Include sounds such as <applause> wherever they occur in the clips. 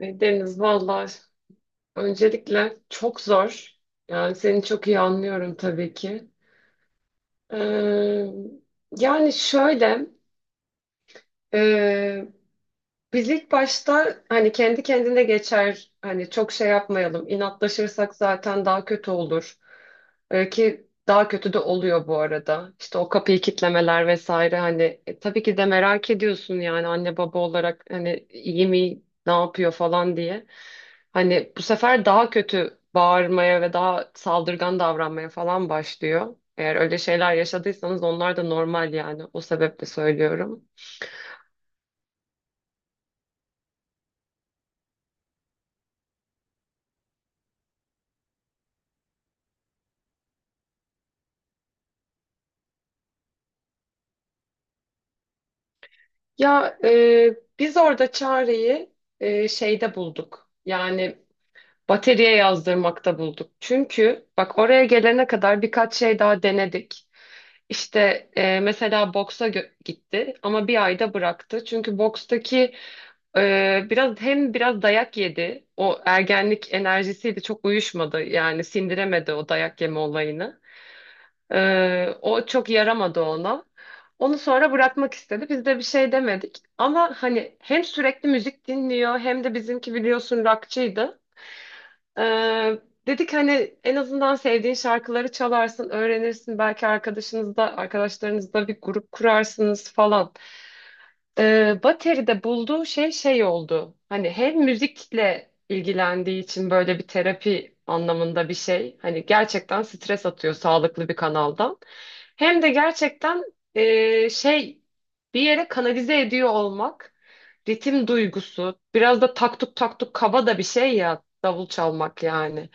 Ay Deniz, vallahi öncelikle çok zor. Yani seni çok iyi anlıyorum tabii ki. Ee, Yani şöyle e, biz ilk başta hani kendi kendine geçer, hani çok şey yapmayalım, inatlaşırsak zaten daha kötü olur. Ki daha kötü de oluyor bu arada. İşte o kapıyı kitlemeler vesaire, hani tabii ki de merak ediyorsun yani anne baba olarak, hani iyi mi, ne yapıyor falan diye. Hani bu sefer daha kötü bağırmaya ve daha saldırgan davranmaya falan başlıyor. Eğer öyle şeyler yaşadıysanız onlar da normal yani. O sebeple söylüyorum. Ya, biz orada çareyi şeyde bulduk. Yani bataryaya yazdırmakta bulduk. Çünkü bak, oraya gelene kadar birkaç şey daha denedik. İşte mesela gitti ama bir ayda bıraktı. Çünkü bokstaki e, biraz hem biraz dayak yedi. O ergenlik enerjisiyle çok uyuşmadı. Yani sindiremedi o dayak yeme olayını. O çok yaramadı ona. Onu sonra bırakmak istedi. Biz de bir şey demedik. Ama hani hem sürekli müzik dinliyor, hem de bizimki biliyorsun rockçıydı. Ee, Dedik hani en azından sevdiğin şarkıları çalarsın, öğrenirsin. Belki arkadaşlarınızda bir grup kurarsınız falan. Bateri'de bulduğu şey şey oldu. Hani hem müzikle ilgilendiği için böyle bir terapi anlamında bir şey. Hani gerçekten stres atıyor sağlıklı bir kanaldan. Hem de gerçekten e, şey bir yere kanalize ediyor olmak. Ritim duygusu. Biraz da taktuk taktuk, kaba da bir şey ya davul çalmak yani.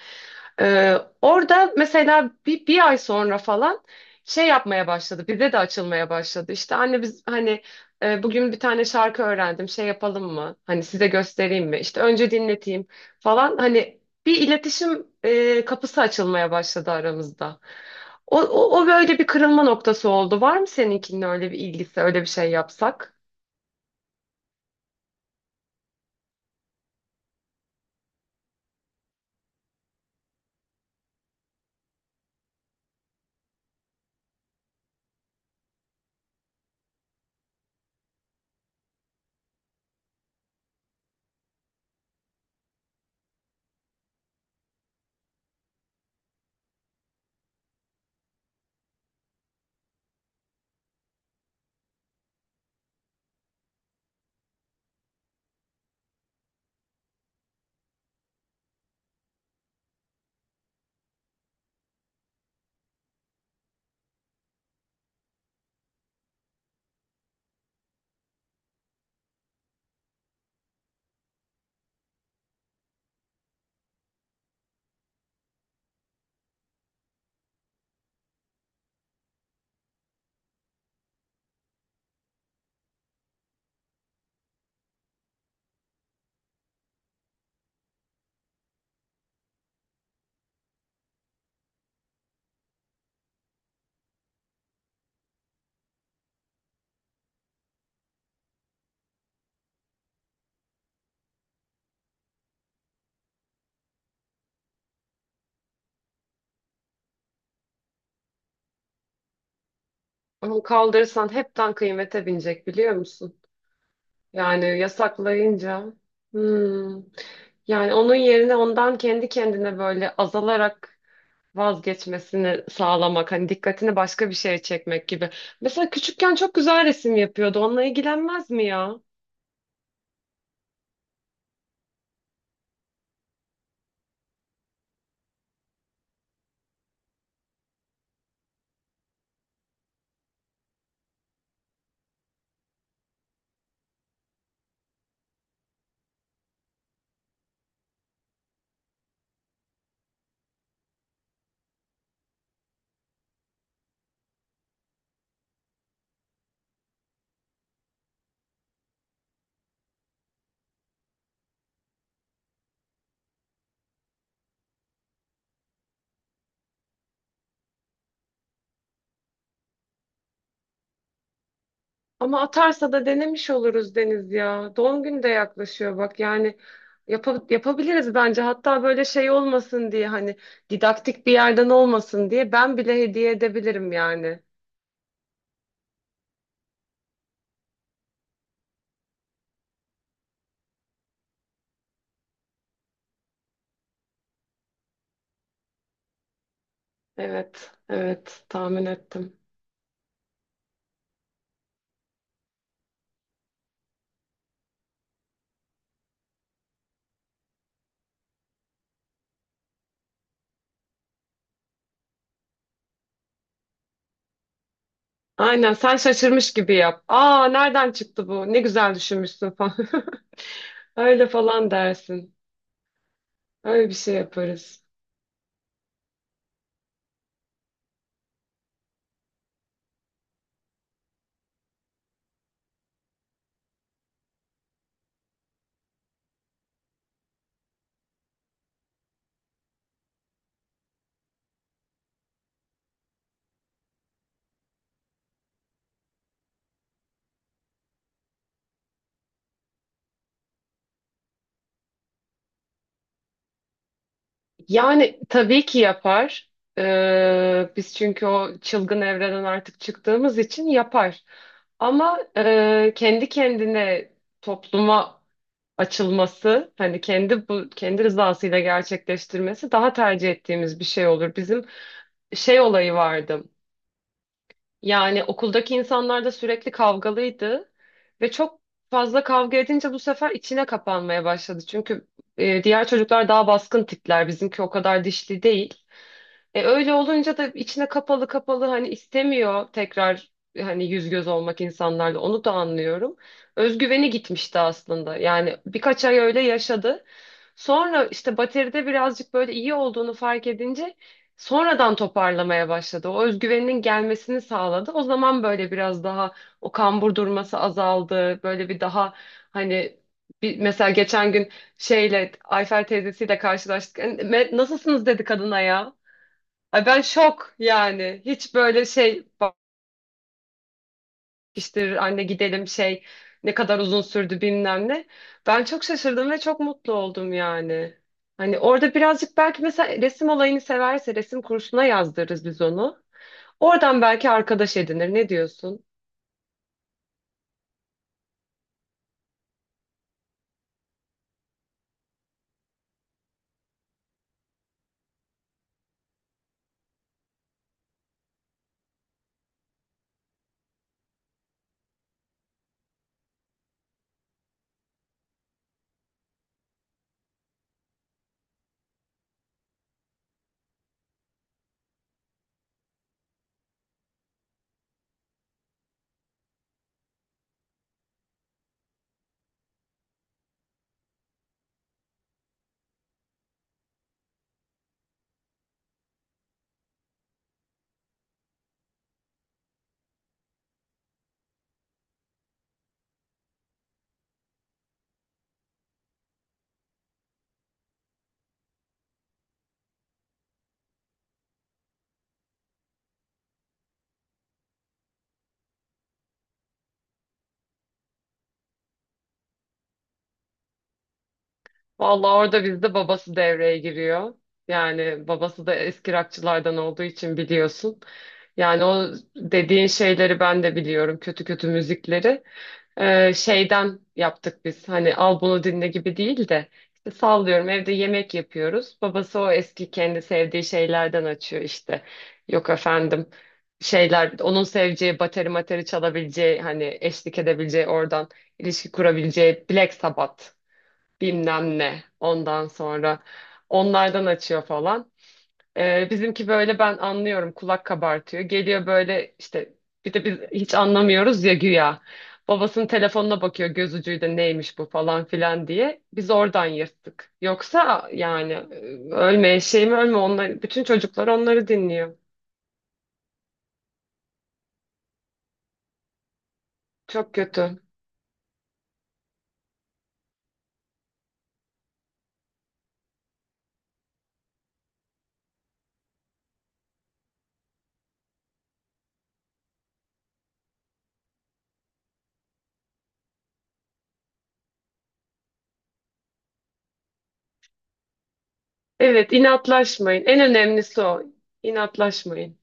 Ee, Orada mesela bir ay sonra falan şey yapmaya başladı. Bize de açılmaya başladı. İşte "Anne biz hani bugün bir tane şarkı öğrendim. Şey yapalım mı? Hani size göstereyim mi? İşte önce dinleteyim" falan. Hani bir iletişim kapısı açılmaya başladı aramızda. O böyle bir kırılma noktası oldu. Var mı seninkinin öyle bir ilgisi, öyle bir şey yapsak? Onu kaldırırsan hepten kıymete binecek, biliyor musun? Yani yasaklayınca. Hmm. Yani onun yerine ondan kendi kendine böyle azalarak vazgeçmesini sağlamak. Hani dikkatini başka bir şeye çekmek gibi. Mesela küçükken çok güzel resim yapıyordu. Onunla ilgilenmez mi ya? Ama atarsa da denemiş oluruz Deniz ya. Doğum günü de yaklaşıyor bak. Yani yapabiliriz bence. Hatta böyle şey olmasın diye, hani didaktik bir yerden olmasın diye, ben bile hediye edebilirim yani. Evet, evet, tahmin ettim. Aynen, sen şaşırmış gibi yap. "Aa, nereden çıktı bu? Ne güzel düşünmüşsün" falan. <laughs> Öyle falan dersin. Öyle bir şey yaparız. Yani tabii ki yapar. Biz çünkü o çılgın evreden artık çıktığımız için yapar. Ama kendi kendine topluma açılması, hani kendi bu kendi rızasıyla gerçekleştirmesi daha tercih ettiğimiz bir şey olur. Bizim şey olayı vardı. Yani okuldaki insanlar da sürekli kavgalıydı ve çok fazla kavga edince bu sefer içine kapanmaya başladı. Çünkü diğer çocuklar daha baskın tipler, bizimki o kadar dişli değil. E, öyle olunca da içine kapalı kapalı, hani istemiyor tekrar hani yüz göz olmak insanlarla, onu da anlıyorum. Özgüveni gitmişti aslında. Yani birkaç ay öyle yaşadı. Sonra işte bateride birazcık böyle iyi olduğunu fark edince sonradan toparlamaya başladı. O özgüveninin gelmesini sağladı. O zaman böyle biraz daha o kambur durması azaldı. Böyle bir daha hani, bir, mesela geçen gün şeyle Ayfer teyzesiyle karşılaştık. "E, nasılsınız?" dedi kadına ya. Ay ben şok yani. Hiç böyle şey. Bak işte "Anne gidelim şey, ne kadar uzun sürdü, bilmem ne." Ben çok şaşırdım ve çok mutlu oldum yani. Hani orada birazcık, belki mesela resim olayını severse resim kursuna yazdırırız biz onu. Oradan belki arkadaş edinir. Ne diyorsun? Vallahi orada bizde babası devreye giriyor. Yani babası da eski rockçılardan olduğu için biliyorsun. Yani o dediğin şeyleri ben de biliyorum. Kötü kötü müzikleri. Şeyden yaptık biz. Hani "al bunu dinle" gibi değil de, işte sallıyorum, evde yemek yapıyoruz. Babası o eski kendi sevdiği şeylerden açıyor işte. Yok efendim, şeyler, onun seveceği bateri materi çalabileceği, hani eşlik edebileceği, oradan ilişki kurabileceği Black Sabbath, bilmem ne, ondan sonra onlardan açıyor falan. Bizimki böyle, ben anlıyorum, kulak kabartıyor. Geliyor böyle işte, bir de biz hiç anlamıyoruz ya güya. Babasının telefonuna bakıyor göz ucuyla, neymiş bu falan filan diye. Biz oradan yırttık. Yoksa yani ölme eşeğim ölme, onlar, bütün çocuklar onları dinliyor. Çok kötü. Evet, inatlaşmayın. En önemlisi o. İnatlaşmayın.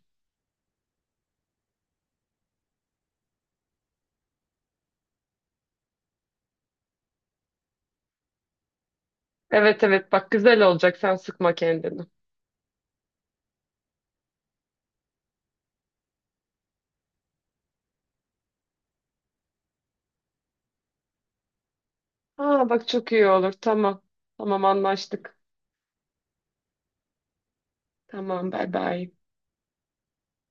Evet, evet, bak, güzel olacak, sen sıkma kendini. Aa bak, çok iyi olur, tamam. Tamam, anlaştık. Tamam, bay bay.